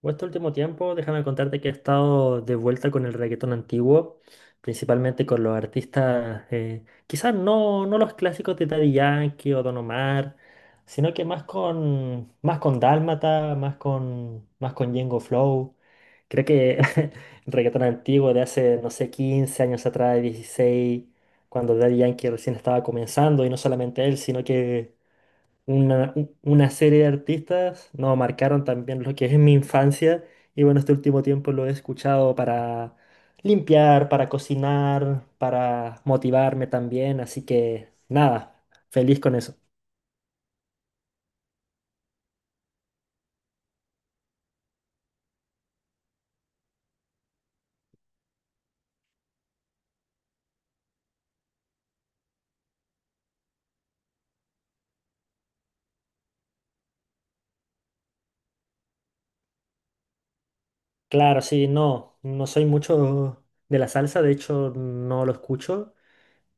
Pues este último tiempo, déjame contarte que he estado de vuelta con el reggaetón antiguo, principalmente con los artistas, quizás no los clásicos de Daddy Yankee o Don Omar, sino que más con Dálmata, más con Django Flow. Creo que el reggaetón antiguo de hace, no sé, 15 años atrás, 16, cuando Daddy Yankee recién estaba comenzando, y no solamente él, sino que una serie de artistas, no, marcaron también lo que es mi infancia. Y bueno, este último tiempo lo he escuchado para limpiar, para cocinar, para motivarme también, así que nada, feliz con eso. Claro, sí, no, no soy mucho de la salsa, de hecho no lo escucho.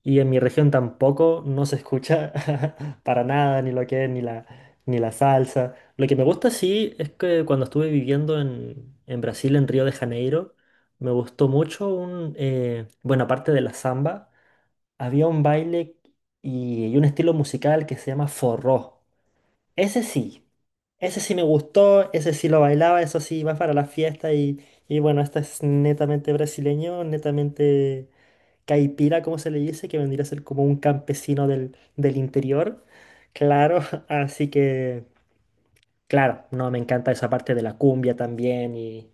Y en mi región tampoco no se escucha para nada, ni la salsa. Lo que me gusta sí es que cuando estuve viviendo en Brasil, en Río de Janeiro, me gustó mucho un, bueno, aparte de la samba, había un baile y un estilo musical que se llama forró. Ese sí, ese sí me gustó, ese sí lo bailaba, eso sí, va para la fiesta y bueno, este es netamente brasileño, netamente caipira, como se le dice, que vendría a ser como un campesino del, del interior. Claro, así que, claro, no, me encanta esa parte de la cumbia también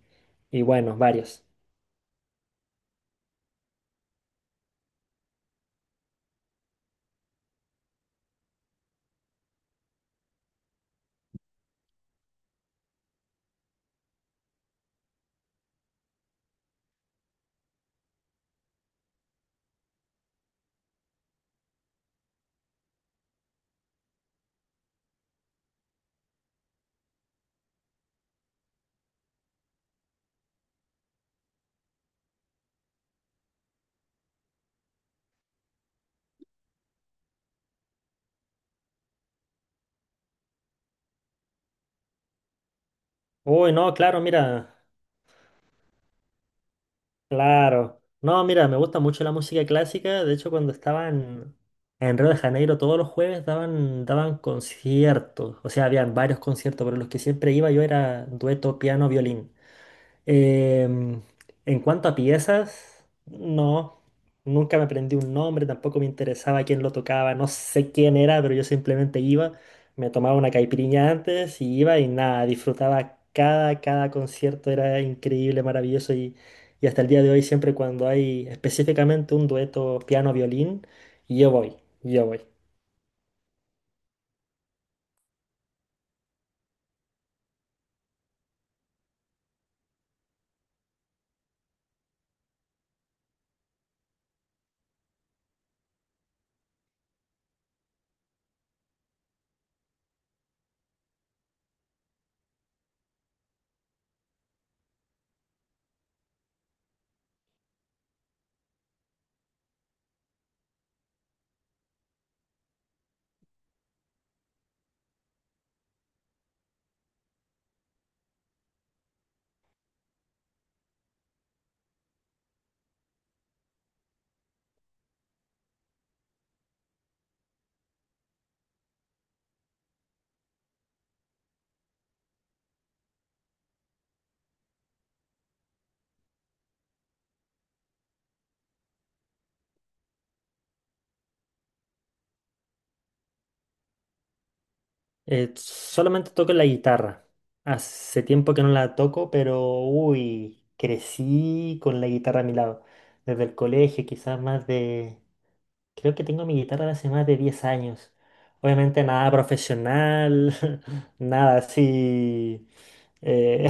y bueno, varios. Uy, no, claro, mira, claro. No, mira, me gusta mucho la música clásica. De hecho, cuando estaban en Río de Janeiro, todos los jueves daban, daban conciertos. O sea, habían varios conciertos, pero los que siempre iba yo era dueto piano-violín. Em, en cuanto a piezas, no, nunca me aprendí un nombre, tampoco me interesaba quién lo tocaba, no sé quién era, pero yo simplemente iba, me tomaba una caipirinha antes y iba y nada, disfrutaba cada, cada concierto, era increíble, maravilloso y hasta el día de hoy siempre cuando hay específicamente un dueto piano-violín, yo voy, yo voy. Solamente toco la guitarra. Hace tiempo que no la toco, pero uy, crecí con la guitarra a mi lado. Desde el colegio, quizás más de... Creo que tengo mi guitarra de hace más de 10 años. Obviamente nada profesional, nada así. eh,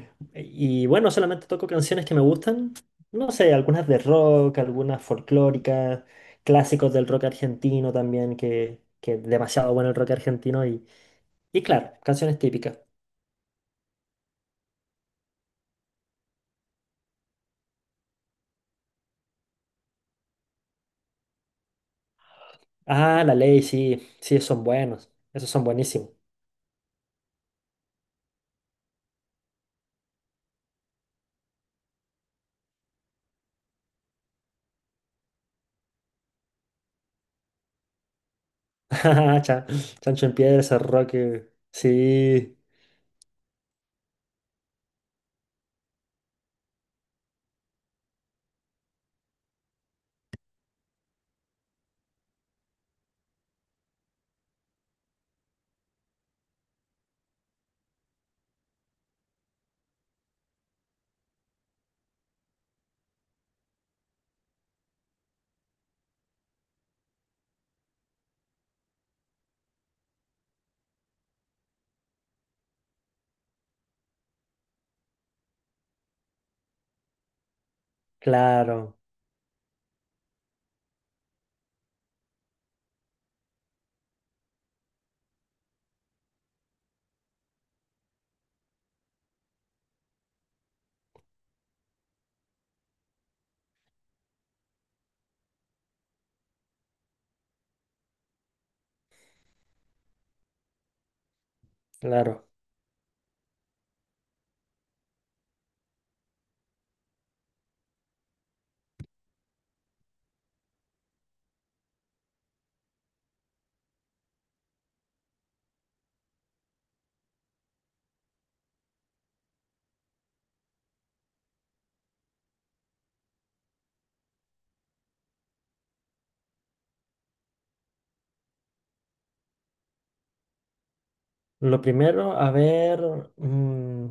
y bueno, solamente toco canciones que me gustan. No sé, algunas de rock, algunas folclóricas, clásicos del rock argentino también, que es demasiado bueno el rock argentino, y claro, canciones típicas. Ah, La Ley, sí, sí, esos son buenos. Esos son buenísimos. Chan- Chancho en Piedra, ese Roque. Sí, claro, claro. Lo primero, a ver. mm,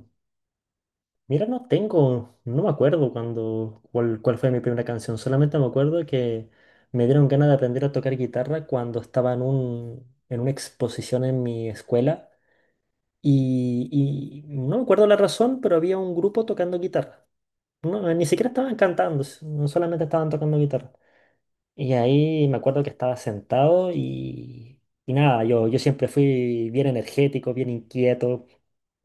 Mira, no tengo, no me acuerdo cuando, cuál, cuál fue mi primera canción. Solamente me acuerdo que me dieron ganas de aprender a tocar guitarra cuando estaba en un, en una exposición en mi escuela. Y no me acuerdo la razón, pero había un grupo tocando guitarra. No, ni siquiera estaban cantando, no solamente estaban tocando guitarra. Y ahí me acuerdo que estaba sentado y nada, yo siempre fui bien energético, bien inquieto.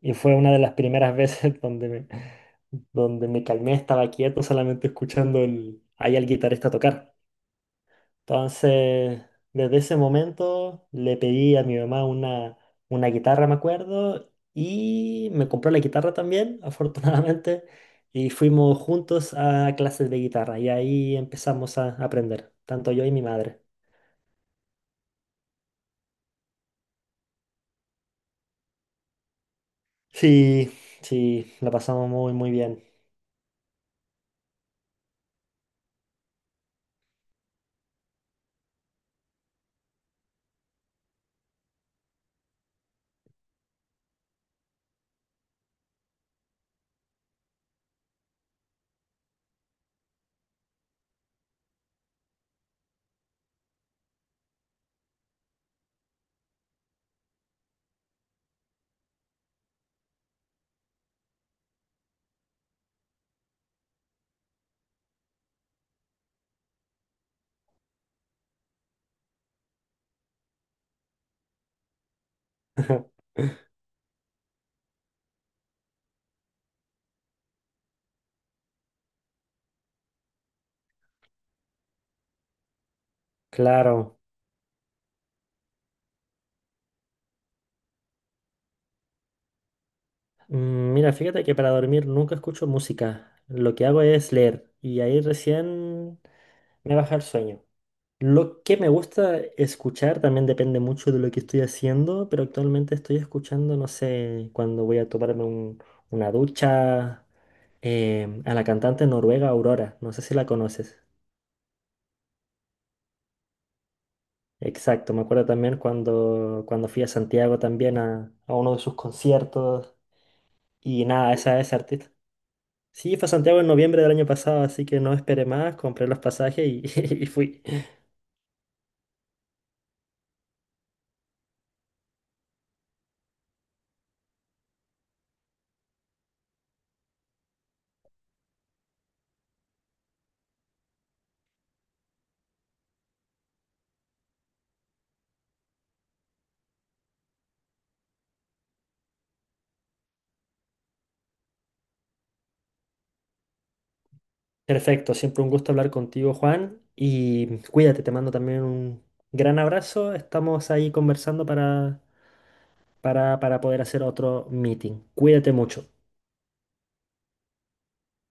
Y fue una de las primeras veces donde me calmé, estaba quieto, solamente escuchando el, ahí al guitarrista tocar. Entonces, desde ese momento le pedí a mi mamá una guitarra, me acuerdo, y me compró la guitarra también, afortunadamente, y fuimos juntos a clases de guitarra y ahí empezamos a aprender, tanto yo y mi madre. Sí, sí, la pasamos muy, muy bien. Claro. Mira, fíjate que para dormir nunca escucho música. Lo que hago es leer y ahí recién me baja el sueño. Lo que me gusta escuchar también depende mucho de lo que estoy haciendo, pero actualmente estoy escuchando, no sé, cuando voy a tomarme una ducha, a la cantante noruega Aurora, no sé si la conoces. Exacto, me acuerdo también cuando, cuando fui a Santiago también a uno de sus conciertos y nada, esa es artista. Sí, fue a Santiago en noviembre del año pasado, así que no esperé más, compré los pasajes y y fui. Perfecto, siempre un gusto hablar contigo, Juan, y cuídate, te mando también un gran abrazo. Estamos ahí conversando para poder hacer otro meeting. Cuídate mucho.